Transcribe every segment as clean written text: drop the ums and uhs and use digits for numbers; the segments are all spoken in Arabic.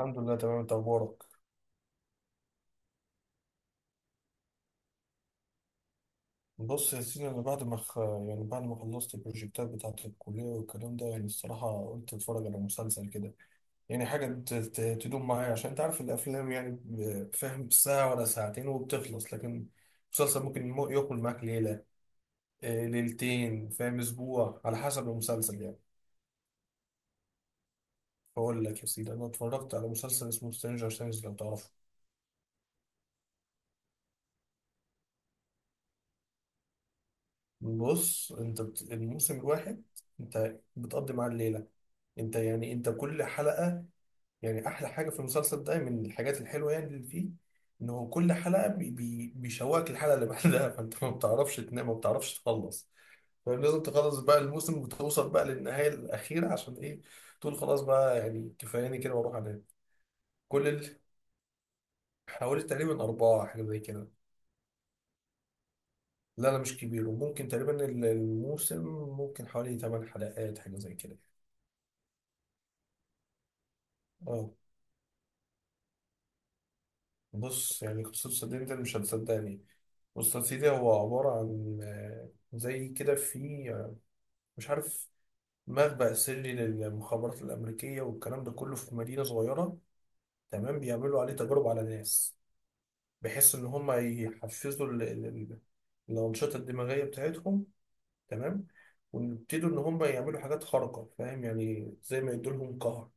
الحمد لله، تمام. انت اخبارك؟ بص يا سيدي، انا بعد ما يعني بعد ما خلصت البروجكتات بتاعت الكليه والكلام ده، يعني الصراحه قلت اتفرج على مسلسل كده. يعني حاجه تدوم معايا، عشان انت عارف الافلام يعني، فاهم، ساعه ولا ساعتين وبتخلص، لكن مسلسل ممكن ياكل معاك ليله، ليلتين، فاهم، اسبوع على حسب المسلسل يعني. بقول لك يا سيدي، انا اتفرجت على مسلسل اسمه سترينجر ثينجز، لو تعرفه. بص، انت الموسم الواحد انت بتقضي معاه الليله، انت يعني انت كل حلقه، يعني احلى حاجه في المسلسل ده من الحاجات الحلوه يعني اللي فيه، انه كل حلقه بي بي بيشوقك الحلقه اللي بعدها فانت ما بتعرفش تنام، ما بتعرفش تخلص، فلازم تخلص بقى الموسم وتوصل بقى للنهايه الاخيره عشان ايه؟ تقول خلاص بقى، يعني كفاياني كده واروح انام. كل ال... حوالي تقريبا اربعه حاجه زي كده. لا لا، مش كبير، وممكن تقريبا الموسم ممكن حوالي 8 حلقات حاجه زي كده. اه، بص، يعني قصة صدقني ده مش هتصدقني. بص يا سيدي، هو عبارة عن آه، زي كده في آه، مش عارف، مخبأ سري للمخابرات الأمريكية والكلام ده كله في مدينة صغيرة، تمام، بيعملوا عليه تجارب على ناس، بحيث إن هم يحفزوا الأنشطة الدماغية بتاعتهم، تمام، ويبتدوا إن هم يعملوا حاجات خارقة، فاهم، يعني زي ما يدولهم قهر.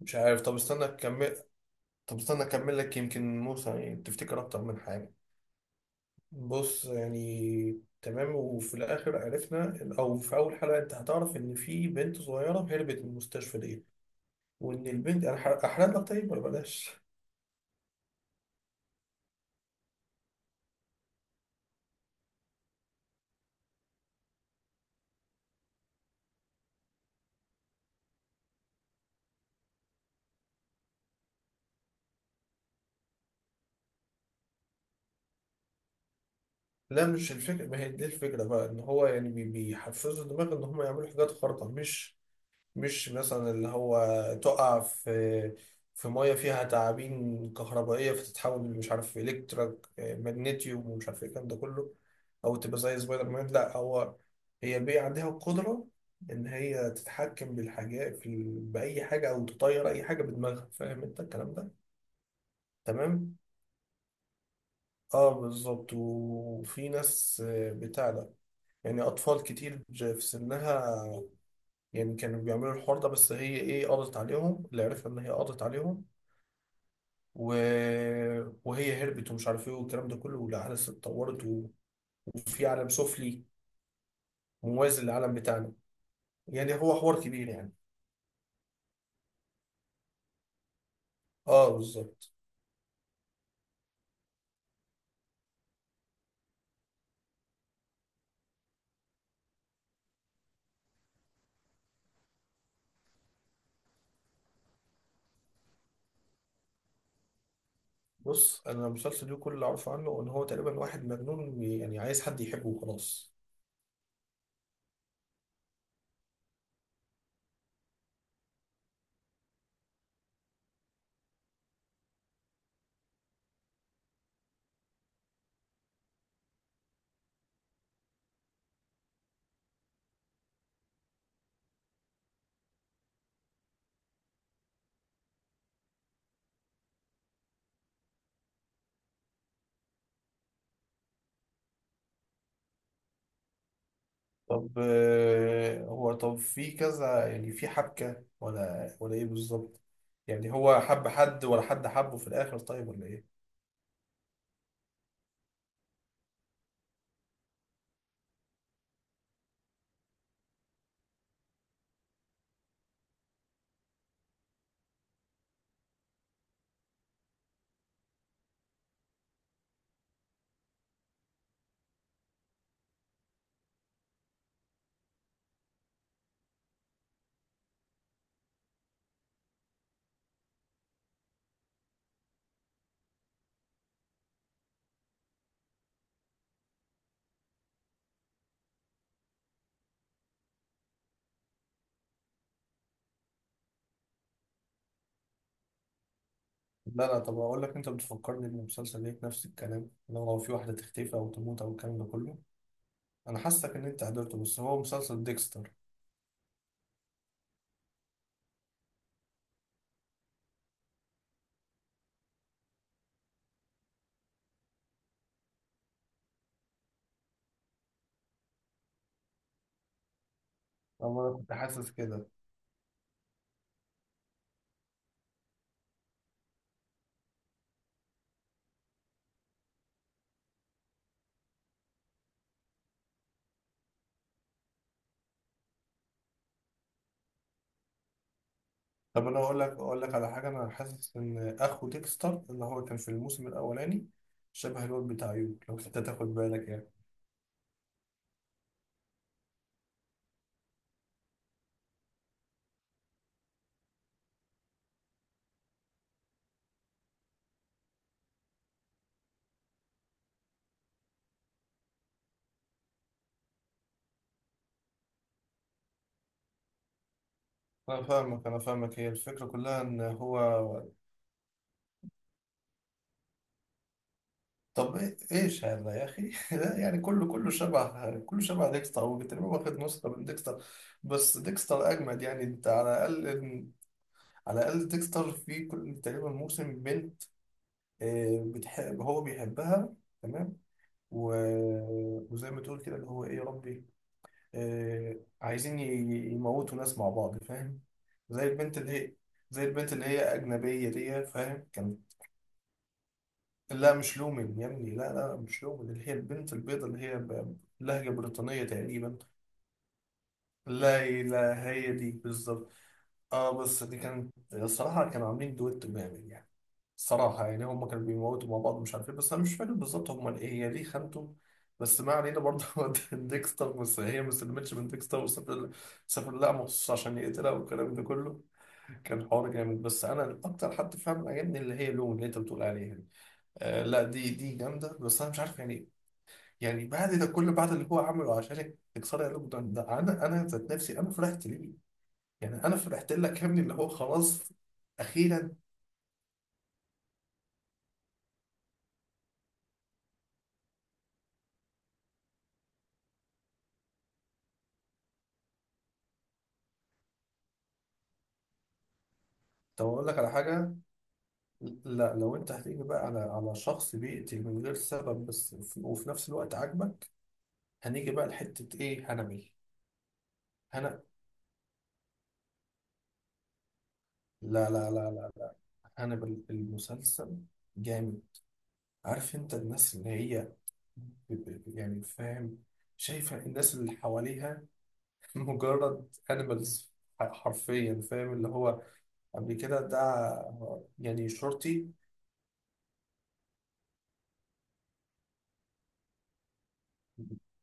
مش عارف، طب استنى أكمل. طب استنى أكمل لك، يمكن موسى يعني تفتكر أكتر من حاجة. بص يعني، تمام، وفي الاخر عرفنا، او في اول حلقه انت هتعرف ان في بنت صغيره هربت من المستشفى دي، وان البنت انا احرق لك طيب ولا بلاش؟ لا، مش الفكره، ما هي دي الفكره بقى، ان هو يعني بيحفزوا الدماغ ان هم يعملوا حاجات خارقه، مش مثلا اللي هو تقع في في ميه فيها تعابين كهربائيه فتتحول، مش عارف، الكتريك ماجنيتيوم ومش عارف ايه الكلام ده كله، او تبقى زي سبايدر مان. لا، هو هي بي عندها القدره ان هي تتحكم بالحاجات في باي حاجه، او تطير اي حاجه بدماغها، فاهم انت الكلام ده؟ تمام. اه بالظبط، وفي ناس بتاع ده، يعني اطفال كتير في سنها، يعني كانوا بيعملوا الحوار ده، بس هي ايه قضت عليهم، اللي عرفنا ان هي قضت عليهم، و... وهي هربت، ومش عارف ايه والكلام ده كله، والاحداث اتطورت، وفي عالم سفلي موازي للعالم بتاعنا، يعني هو حوار كبير يعني. اه بالظبط. بص انا، المسلسل ده كل اللي اعرفه عنه ان هو تقريبا واحد مجنون يعني عايز حد يحبه وخلاص. طب هو طب في كذا يعني، في حبكة ولا ايه بالظبط؟ يعني هو حب حد ولا حد حبه في الاخر طيب، ولا ايه؟ لا لا، طب اقول لك، انت بتفكرني بالمسلسل ليك نفس الكلام، لو هو في واحده تختفي او تموت او الكلام ده كله، انا حاسسك ان انت حضرته، بس هو مسلسل ديكستر. طب انا كنت حاسس كده. طب انا اقول لك على حاجه، انا حاسس ان اخو ديكستر اللي هو كان في الموسم الاولاني شبه الواد بتاع يو، لو انت تاخد بالك يعني. انا فاهمك، انا فاهمك، هي الفكره كلها ان هو، طب ايش هذا يا اخي لا، يعني كله شبه ديكستر، هو تقريبا واخد نسخه من ديكستر، بس ديكستر اجمد، يعني انت على الاقل، على الأقل ديكستر في كل تقريبا موسم بنت، بتحب هو بيحبها، تمام، و... وزي ما تقول كده اللي هو إيه يا ربي، آه، عايزين يموتوا ناس مع بعض، فاهم. زي البنت اللي هي، زي البنت اللي هي أجنبية دي، فاهم كان. لا، مش لومن يا ابني، لا لا، مش لومن، اللي هي البنت البيضة اللي هي بلهجة بريطانية تقريبا. لا لا، هي دي بالظبط. اه، بس دي كانت الصراحة كانوا عاملين دويتو جامد يعني، الصراحة يعني هم كانوا بيموتوا مع بعض مش عارف ايه، بس انا مش فاكر بالظبط هم ايه، هي ليه خانته، بس ما علينا برضه هو ديكستر، بس هي ما سلمتش من ديكستر، وسافر لها مخصوص عشان يقتلها والكلام ده كله، كان حوار جامد، بس انا اكتر حد فعلا عجبني اللي هي لون اللي انت بتقول عليها دي. آه لا، دي جامدة، بس انا مش عارف يعني، يعني بعد ده كل بعد اللي هو عمله عشانك تكسري قلبه، ده انا ذات نفسي انا فرحت ليه، يعني انا فرحت لك يا ابني اللي هو خلاص، اخيرا. طب اقول لك على حاجه، لا لو انت هتيجي بقى على شخص بيقتل من غير سبب بس وفي نفس الوقت عاجبك، هنيجي بقى لحته ايه؟ هنبل. هنا، لا لا لا لا، هنبل المسلسل، جامد. عارف انت الناس اللي هي يعني فاهم، شايفه الناس اللي حواليها مجرد animals، حرفيا، فاهم اللي هو قبل كده ده يعني شرطي.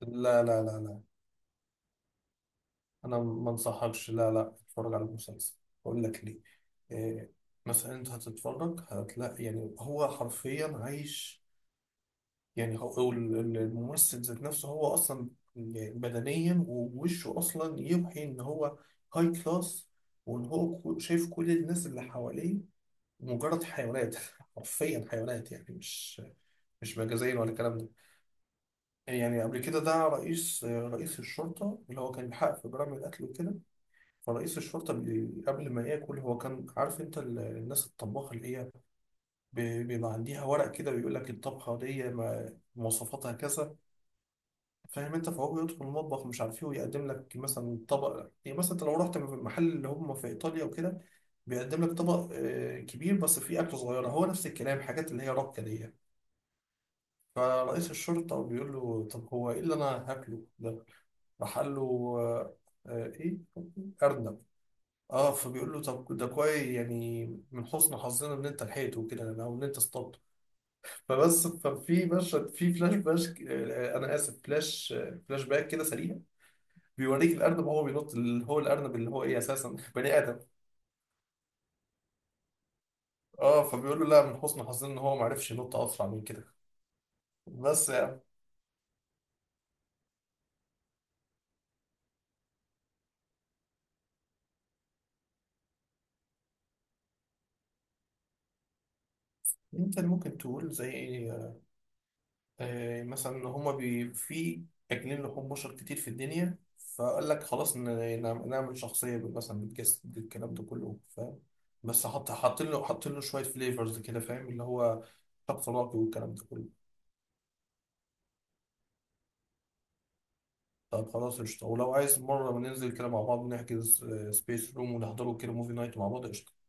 لا لا لا لا، انا ما انصحكش، لا لا اتفرج على المسلسل، اقول لك ليه. إيه؟ مثلا انت هتتفرج هتلاقي يعني هو حرفيا عايش، يعني هو هو الممثل ذات نفسه، هو اصلا بدنيا ووشه اصلا يوحي ان هو هاي كلاس، وان هو شايف كل الناس اللي حواليه مجرد حيوانات، حرفيا حيوانات، يعني مش مجازيا ولا الكلام ده. يعني قبل كده ده رئيس الشرطة اللي هو كان بيحقق في جرائم القتل وكده، فرئيس الشرطة قبل ما ياكل هو كان عارف، انت الناس الطباخة اللي هي بيبقى عندها ورق كده بيقول لك الطبخة دي مواصفاتها كذا، فاهم انت، فهو بيدخل المطبخ مش عارف ايه ويقدم لك مثلا طبق، يعني مثلا انت لو رحت محل اللي هم في ايطاليا وكده بيقدم لك طبق كبير بس فيه اكل صغيره، هو نفس الكلام، حاجات اللي هي رابطه دي. فرئيس الشرطة بيقول له: طب هو إيه اللي أنا هاكله ده؟ راح قال له آه، إيه؟ أرنب. آه، فبيقول له طب ده كويس، يعني من حسن حظنا إن أنت لحقته وكده يعني، أو إن أنت اصطدته. فبس ففي مشهد في فلاش باش آه، أنا آسف فلاش باك كده سريع، بيوريك الأرنب وهو بينط، اللي هو الأرنب اللي هو إيه أساسا بني آدم. آه، فبيقول له لا، من حسن حظنا إن هو معرفش ينط أسرع من كده. بس يعني أنت اللي ممكن تقول زي إيه، مثلا ان هما بي في اكلين لحوم بشر كتير في الدنيا، فقال لك خلاص نعمل شخصيه مثلا بالجسم بالكلام ده كله فاهم، بس حط حاطين له شويه فليفرز كده، فاهم، اللي هو شخص راقي والكلام ده كله. طب خلاص قشطه، ولو عايز مره ننزل كده مع بعض نحجز سبيس روم ونحضره كده موفي نايت مع بعض، قشطه.